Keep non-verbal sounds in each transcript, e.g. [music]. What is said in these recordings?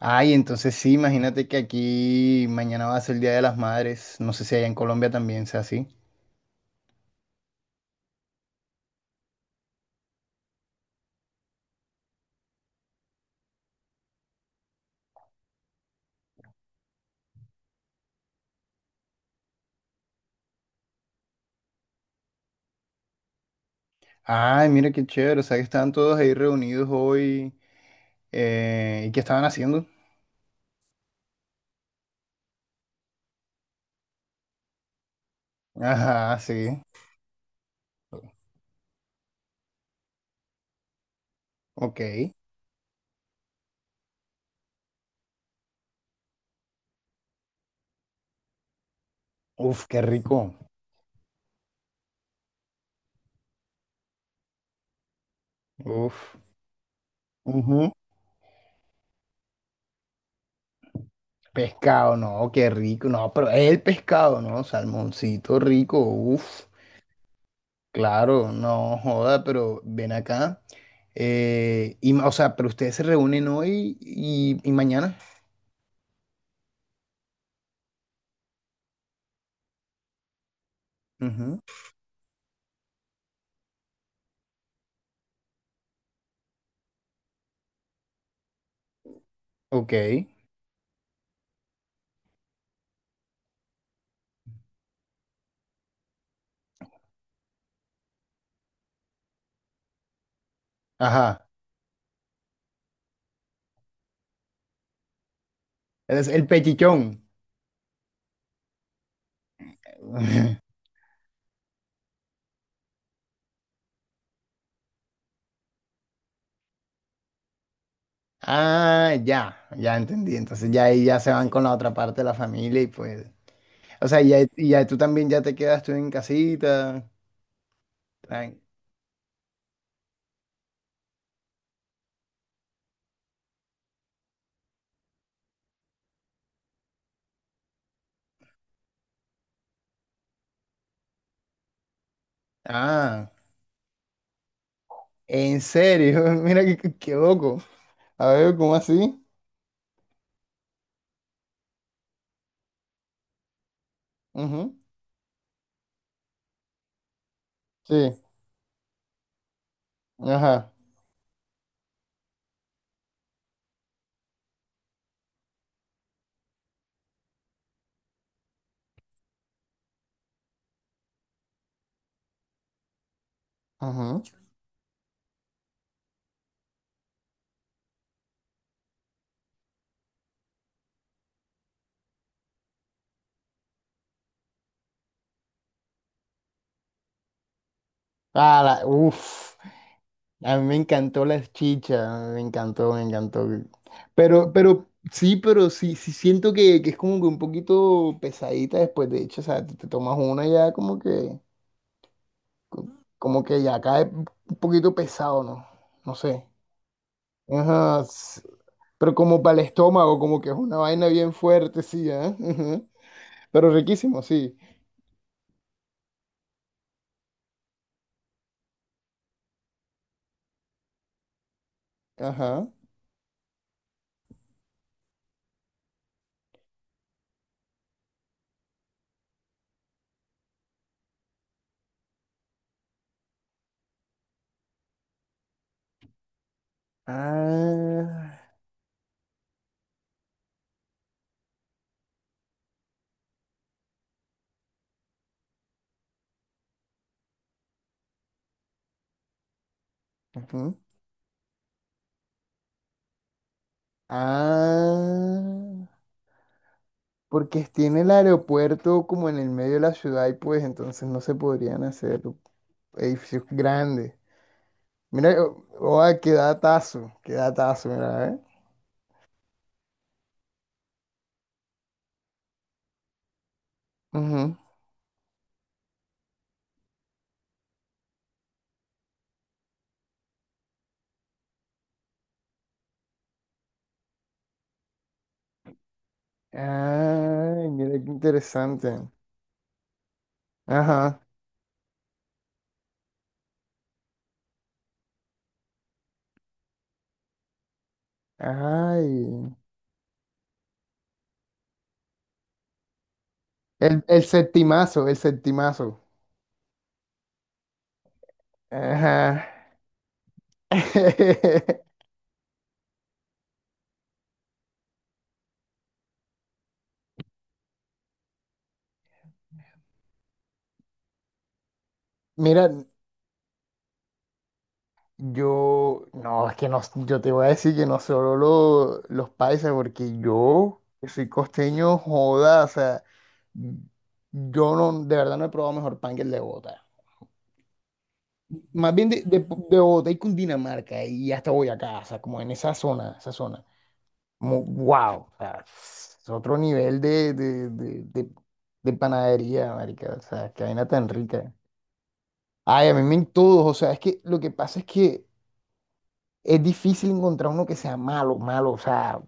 Ay, entonces sí, imagínate que aquí mañana va a ser el Día de las Madres. No sé si allá en Colombia también sea así. Ay, mira qué chévere. O sea, que estaban todos ahí reunidos hoy. ¿Y qué estaban haciendo? [laughs] Ajá, sí. Ok. Uf, qué rico. Uf. Ujú. Pescado, no, qué rico. No, pero el pescado, ¿no? Salmoncito rico. Uf. Claro, no joda, pero ven acá. O sea, pero ustedes se reúnen hoy y mañana. Ok, ajá. Es el pechichón. [laughs] Ah, ya, ya entendí. Entonces ya ahí ya se van con la otra parte de la familia y pues. O sea, ya, y ya tú también ya te quedas tú en casita. tran- Ah, en serio, [laughs] mira qué loco. A ver, ¿cómo así? Ujú. Sí, ajá. Ujú. Ah, la, uff. A mí me encantó las chichas, me encantó, me encantó. Sí, pero sí, sí siento que es como que un poquito pesadita después, de hecho, o sea, te tomas una y ya como que ya cae un poquito pesado, ¿no? No sé. Ajá, pero como para el estómago, como que es una vaina bien fuerte, sí, ¿eh? Ujú. Pero riquísimo, sí. Ajá. Ah. Ujú. Ah. Porque tiene el aeropuerto como en el medio de la ciudad y pues entonces no se podrían hacer edificios grandes. Mira, oa, qué datazo, mira, ¿eh? Ujú. Ay, mira qué interesante. Ajá. Ay. El septimazo, el septimazo. Ajá. [laughs] Mira, yo, no, es que no, yo te voy a decir que no solo los paisas, porque yo que soy costeño, joda, o sea. Yo no, de verdad no he probado mejor pan que el de Bogotá. Más bien de Bogotá y Cundinamarca y hasta Boyacá, o sea, como en esa zona, esa zona. Como wow, o sea, es otro nivel de panadería, marica, o sea, qué vaina tan rica. Ay, a mí me en todos, o sea, es que lo que pasa es que es difícil encontrar uno que sea malo, malo, o sea,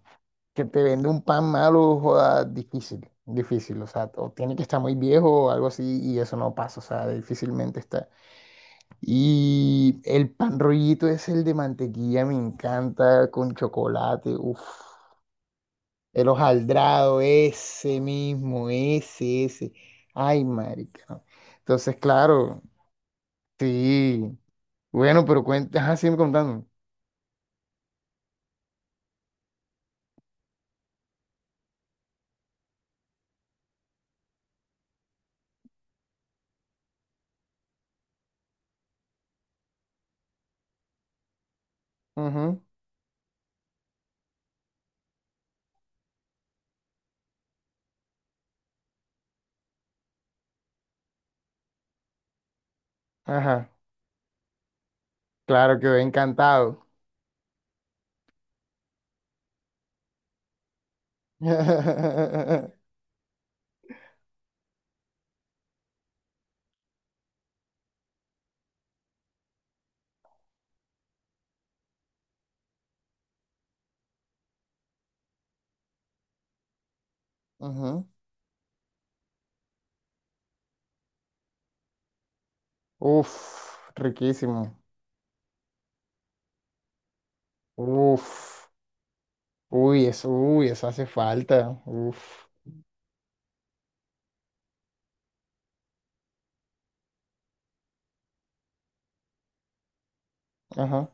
que te vende un pan malo, joda, difícil, difícil, o sea, o tiene que estar muy viejo o algo así y eso no pasa, o sea, difícilmente está. Y el pan rollito es el de mantequilla, me encanta con chocolate, uff. El hojaldrado, ese mismo, ese, ese. Ay, marica, no. Entonces, claro, sí. Bueno, pero cuenta, ajá, sigue contando. Ujú. Ajá, claro, quedé encantado. [laughs] Ujú. Uf, riquísimo. Uf, uy, eso hace falta. Uf, ajá.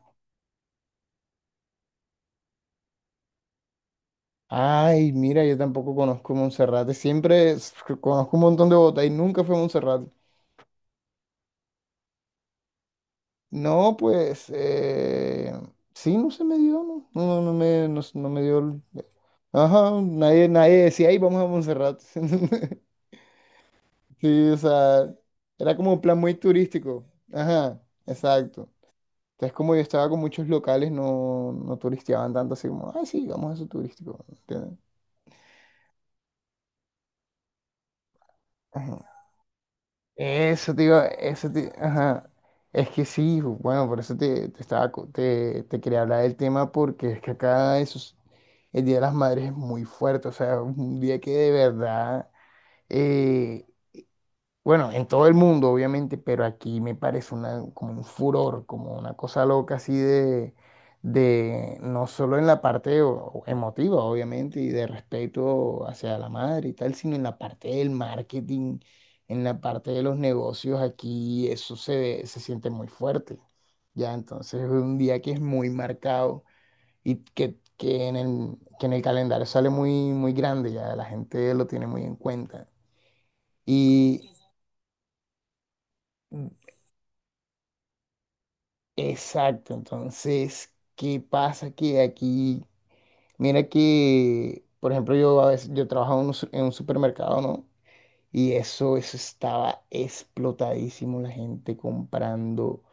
Ay, mira, yo tampoco conozco Monserrate. Conozco un montón de Bogotá y nunca fui a Monserrate. No, pues, sí, no se me dio, no, no, no no me, no me dio. Ajá, nadie, nadie decía, ay, vamos a Monserrate. [laughs] Sí, o sea, era como un plan muy turístico. Ajá, exacto. Entonces, como yo estaba con muchos locales, no, no turisteaban tanto así como, ay, sí, vamos a eso turístico. ¿Entiendes? Eso, te iba- eso, te- ajá. Es que sí, bueno, por eso te estaba, te quería hablar del tema porque es que acá esos, el Día de las Madres es muy fuerte, o sea, es un día que de verdad eh, bueno, en todo el mundo, obviamente, pero aquí me parece una, como un furor, como una cosa loca así de no solo en la parte emotiva, obviamente, y de respeto hacia la madre y tal, sino en la parte del marketing, en la parte de los negocios, aquí eso se siente muy fuerte. Ya, entonces es un día que es muy marcado y que en el calendario sale muy, muy grande, ya la gente lo tiene muy en cuenta. Y exacto, entonces, ¿qué pasa? Que aquí, mira que, por ejemplo, yo a veces, yo trabajaba en un, en un supermercado, ¿no? Y eso estaba explotadísimo, la gente comprando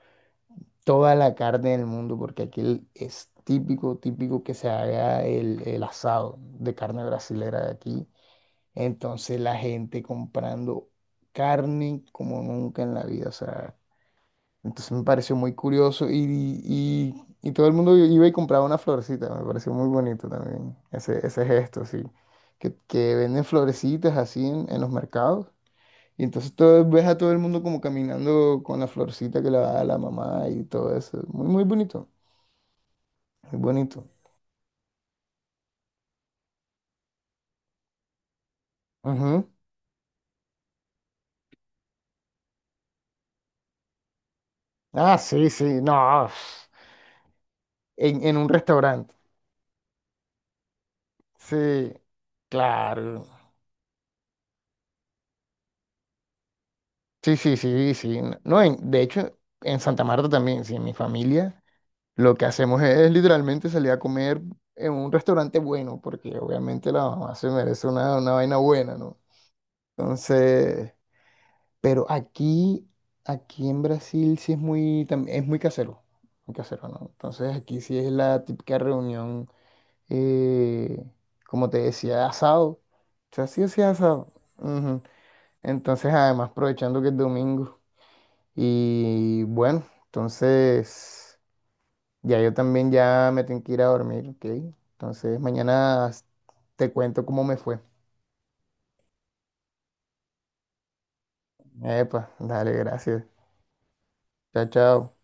toda la carne del mundo, porque aquí es típico, típico que se haga el asado de carne brasilera de aquí. Entonces, la gente comprando carne como nunca en la vida, o sea. Entonces me pareció muy curioso y todo el mundo iba y compraba una florecita. Me pareció muy bonito también ese gesto, sí. Que venden florecitas así en los mercados. Y entonces todo, ves a todo el mundo como caminando con la florcita que le da la mamá y todo eso. Muy, muy bonito, muy bonito. Ujú. Ah, sí, sí, no. En un restaurante. Sí, claro. Sí, sí, sí, sí. No, en- de hecho, en Santa Marta también, sí, en mi familia. Lo que hacemos es, literalmente salir a comer en un restaurante bueno, porque obviamente la mamá se merece una vaina buena, ¿no? Entonces, pero aquí, aquí en Brasil sí es muy, es muy casero, ¿no? Entonces aquí sí es la típica reunión, eh, como te decía, asado. O sea, sí hacía asado. Ujú. Entonces, además, aprovechando que es domingo. Y bueno, entonces... Ya yo también ya me tengo que ir a dormir, ¿ok? Entonces mañana te cuento cómo me fue. Epa, dale, gracias. Chao, chao.